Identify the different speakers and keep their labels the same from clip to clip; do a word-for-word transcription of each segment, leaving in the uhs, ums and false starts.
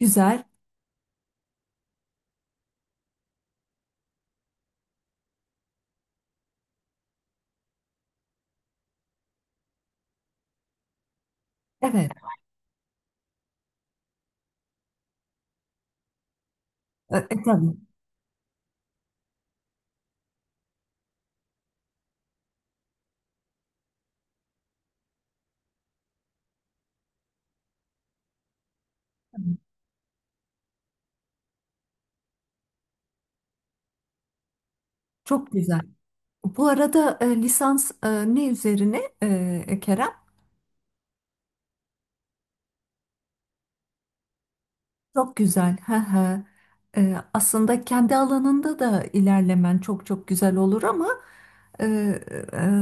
Speaker 1: Güzel. Evet. E, e, tabii. Tabii. Çok güzel. Bu arada e, lisans e, ne üzerine e, e, Kerem? Çok güzel. Hı hı. E, aslında kendi alanında da ilerlemen çok çok güzel olur ama e,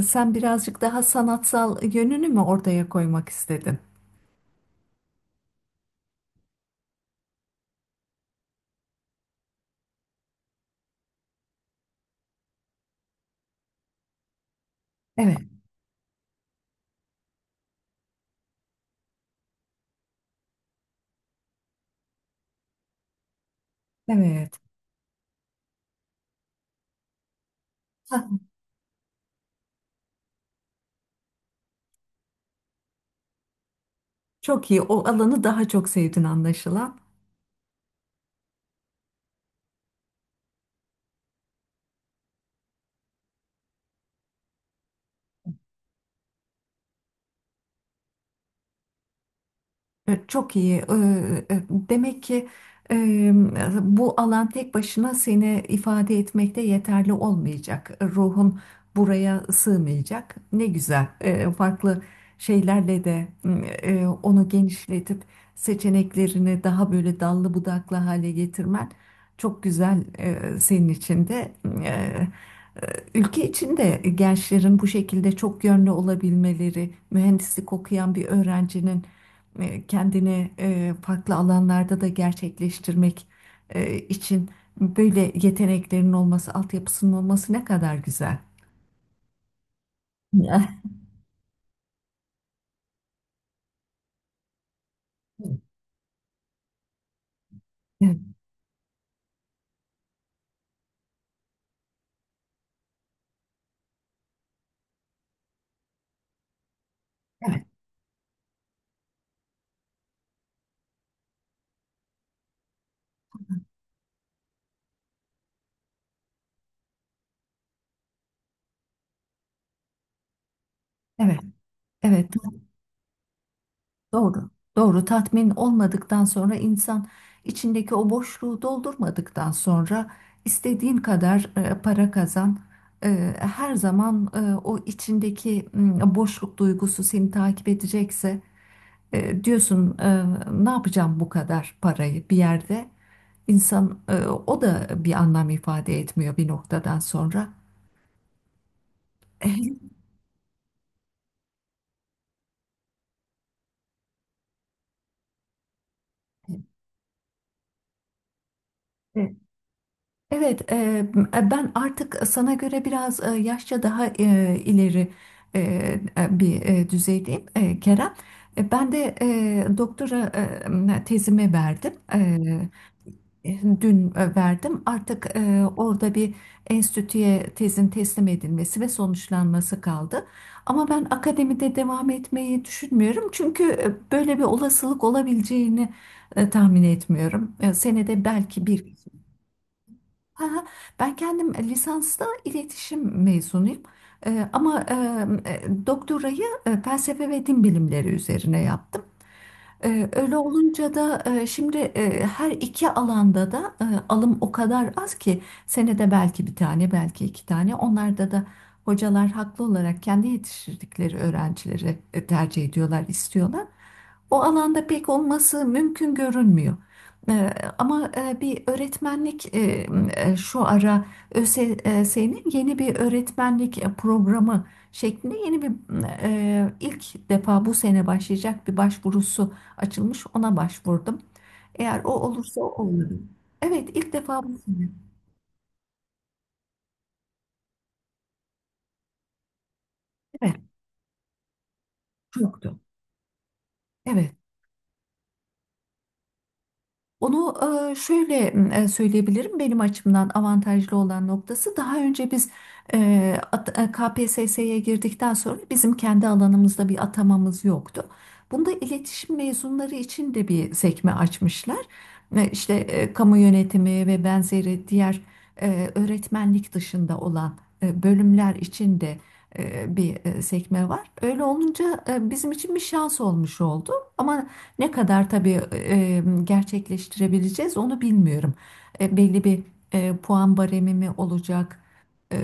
Speaker 1: e, sen birazcık daha sanatsal yönünü mü ortaya koymak istedin? Evet, evet. Hah. Çok iyi. O alanı daha çok sevdin anlaşılan. E, Çok iyi. E, e, Demek ki e, bu alan tek başına seni ifade etmekte yeterli olmayacak. Ruhun buraya sığmayacak. Ne güzel. E, Farklı şeylerle de e, onu genişletip seçeneklerini daha böyle dallı budaklı hale getirmen çok güzel e, senin için de. Ülke içinde gençlerin bu şekilde çok yönlü olabilmeleri, mühendislik okuyan bir öğrencinin e, kendini e, farklı alanlarda da gerçekleştirmek e, için böyle yeteneklerin olması, altyapısının olması ne kadar güzel. Evet. Evet, evet, evet. Doğru. Doğru. Tatmin olmadıktan sonra insan içindeki o boşluğu doldurmadıktan sonra istediğin kadar e, para kazan. E, her zaman e, o içindeki m, boşluk duygusu seni takip edecekse e, diyorsun e, ne yapacağım bu kadar parayı bir yerde insan e, o da bir anlam ifade etmiyor bir noktadan sonra. Evet, e, ben artık sana göre biraz e, yaşça daha e, ileri e, e, bir e, düzeydeyim e, Kerem. E, Ben de e, doktora e, tezimi verdim. E, e, dün e, verdim. Artık e, orada bir enstitüye tezin teslim edilmesi ve sonuçlanması kaldı. Ama ben akademide devam etmeyi düşünmüyorum. Çünkü e, böyle bir olasılık olabileceğini e, tahmin etmiyorum. E, senede belki bir. Aha. Ben kendim lisansta iletişim mezunuyum. Ee, ama e, e, doktorayı e, felsefe ve din bilimleri üzerine yaptım. Ee, öyle olunca da e, şimdi e, her iki alanda da e, alım o kadar az ki senede belki bir tane belki iki tane. Onlarda da hocalar haklı olarak kendi yetiştirdikleri öğrencileri e, tercih ediyorlar, istiyorlar. O alanda pek olması mümkün görünmüyor. Ee, Ama e, bir öğretmenlik e, e, şu ara ÖSS'nin yeni bir öğretmenlik e, programı şeklinde yeni bir e, ilk defa bu sene başlayacak bir başvurusu açılmış. Ona başvurdum. Eğer o olursa o olur. Evet, ilk defa bu sene. Evet, yoktu. Evet. Onu e, şöyle e, söyleyebilirim. Benim açımdan avantajlı olan noktası daha önce biz e, at- e, K P S S'ye girdikten sonra bizim kendi alanımızda bir atamamız yoktu. Bunda iletişim mezunları için de bir sekme açmışlar. E, İşte e, kamu yönetimi ve benzeri diğer e, öğretmenlik dışında olan e, bölümler için de e, bir e, sekme var. Öyle olunca e, bizim için bir şans olmuş oldu. Ama ne kadar tabii e, gerçekleştirebileceğiz onu bilmiyorum. E, belli bir e, puan baremi mi olacak? E,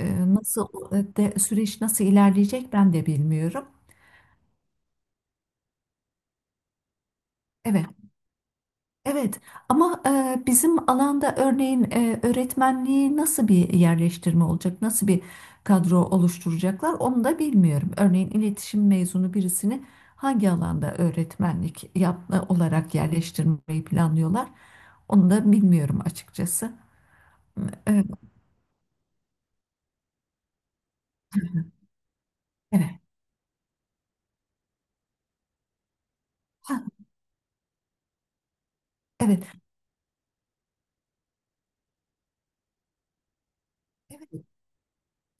Speaker 1: e, Nasıl e, de, süreç nasıl ilerleyecek ben de bilmiyorum. Evet. Evet ama e, bizim alanda örneğin e, öğretmenliği nasıl bir yerleştirme olacak, nasıl bir kadro oluşturacaklar onu da bilmiyorum. Örneğin iletişim mezunu birisini hangi alanda öğretmenlik yap olarak yerleştirmeyi planlıyorlar onu da bilmiyorum açıkçası. E, evet. Ha, evet. Evet.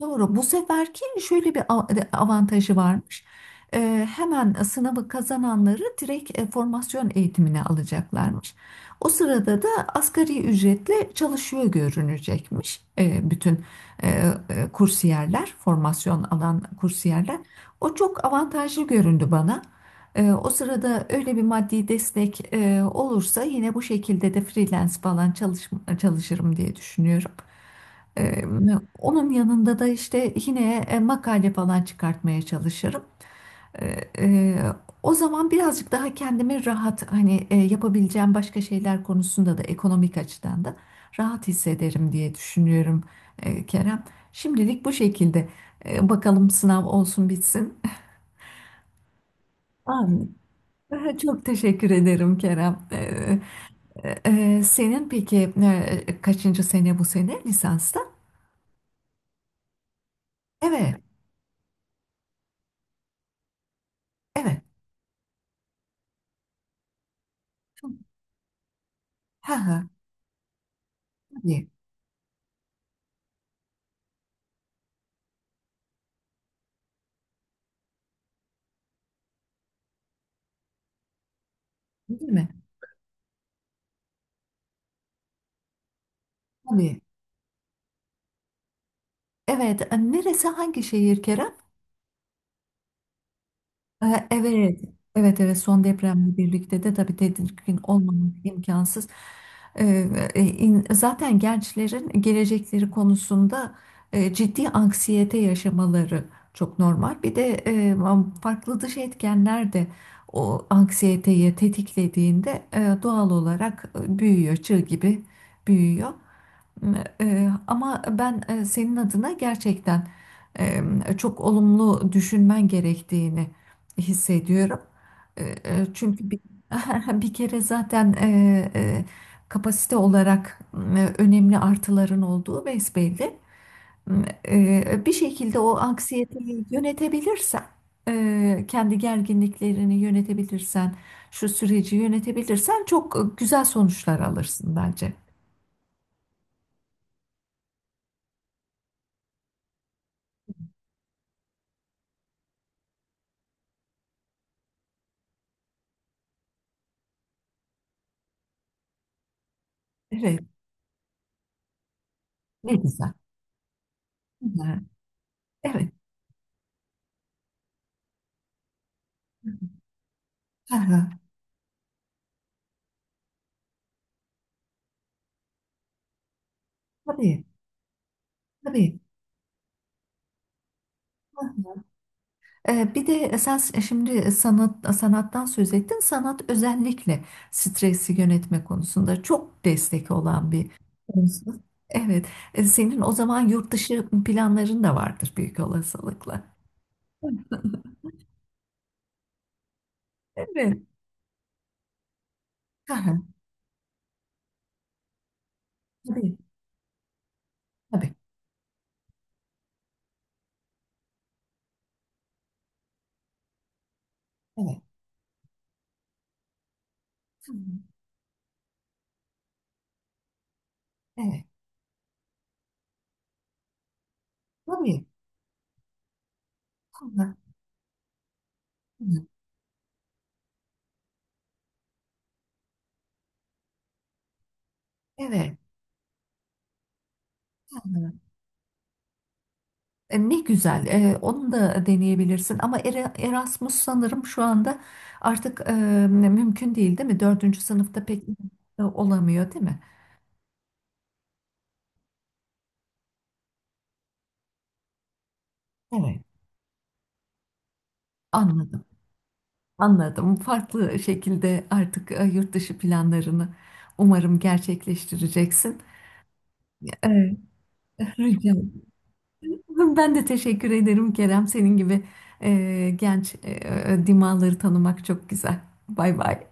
Speaker 1: Doğru. Bu seferki şöyle bir av- avantajı varmış. Ee, hemen sınavı kazananları direkt e, formasyon eğitimine alacaklarmış. O sırada da asgari ücretle çalışıyor görünecekmiş e, bütün e, e, kursiyerler, formasyon alan kursiyerler. O çok avantajlı göründü bana. E, o sırada öyle bir maddi destek e, olursa yine bu şekilde de freelance falan çalışma- çalışırım diye düşünüyorum. Ee, Onun yanında da işte yine e, makale falan çıkartmaya çalışırım. Ee, e, O zaman birazcık daha kendimi rahat hani e, yapabileceğim başka şeyler konusunda da ekonomik açıdan da rahat hissederim diye düşünüyorum e, Kerem. Şimdilik bu şekilde. Ee, bakalım sınav olsun bitsin. Amin. Çok teşekkür ederim Kerem. Ee, e, e, Senin peki e, kaçıncı sene bu sene lisansta? Evet, evet. Ha ha. Tabii. Değil mi? Tabii. Evet. e, Neresi, hangi şehir Kerem? E, Evet. Evet, evet, son depremle birlikte de tabii tedirgin olmamak imkansız. E, e, in- Zaten gençlerin gelecekleri konusunda e, ciddi anksiyete yaşamaları çok normal. Bir de e, farklı dış etkenler de o anksiyeteyi tetiklediğinde e, doğal olarak e, büyüyor, çığ gibi büyüyor. Eee, Ama ben eee, senin adına gerçekten eee, çok olumlu düşünmen gerektiğini hissediyorum. Eee, eee, Çünkü bir, bir kere zaten eee, eee, kapasite olarak eee, önemli artıların olduğu besbelli. Eee, Bir şekilde o anksiyeteyi yönetebilirsen, eee, kendi gerginliklerini yönetebilirsen, şu süreci yönetebilirsen çok güzel sonuçlar alırsın bence. Evet, ne güzel. Evet. Aha, tabii, tabii. Ee, bir de sen şimdi sanat sanattan söz ettin. Sanat özellikle stresi yönetme konusunda çok destek olan bir konusu. Evet. Ee, senin o zaman yurt dışı planların da vardır büyük olasılıkla. Evet. Aha, tabii, tabii. Evet. Hı. Evet. Tabii. Hı, hı. Evet. E, Ne güzel, e, onu da deneyebilirsin ama Ere- Erasmus sanırım şu anda artık e, mümkün değil, değil mi? Dördüncü sınıfta pek e, olamıyor, değil mi? Evet. Anladım, anladım. Farklı şekilde artık e, yurt dışı planlarını umarım gerçekleştireceksin. Evet, rica ederim. Ben de teşekkür ederim Kerem. Senin gibi e, genç e, e, dimağları tanımak çok güzel. Bay bay.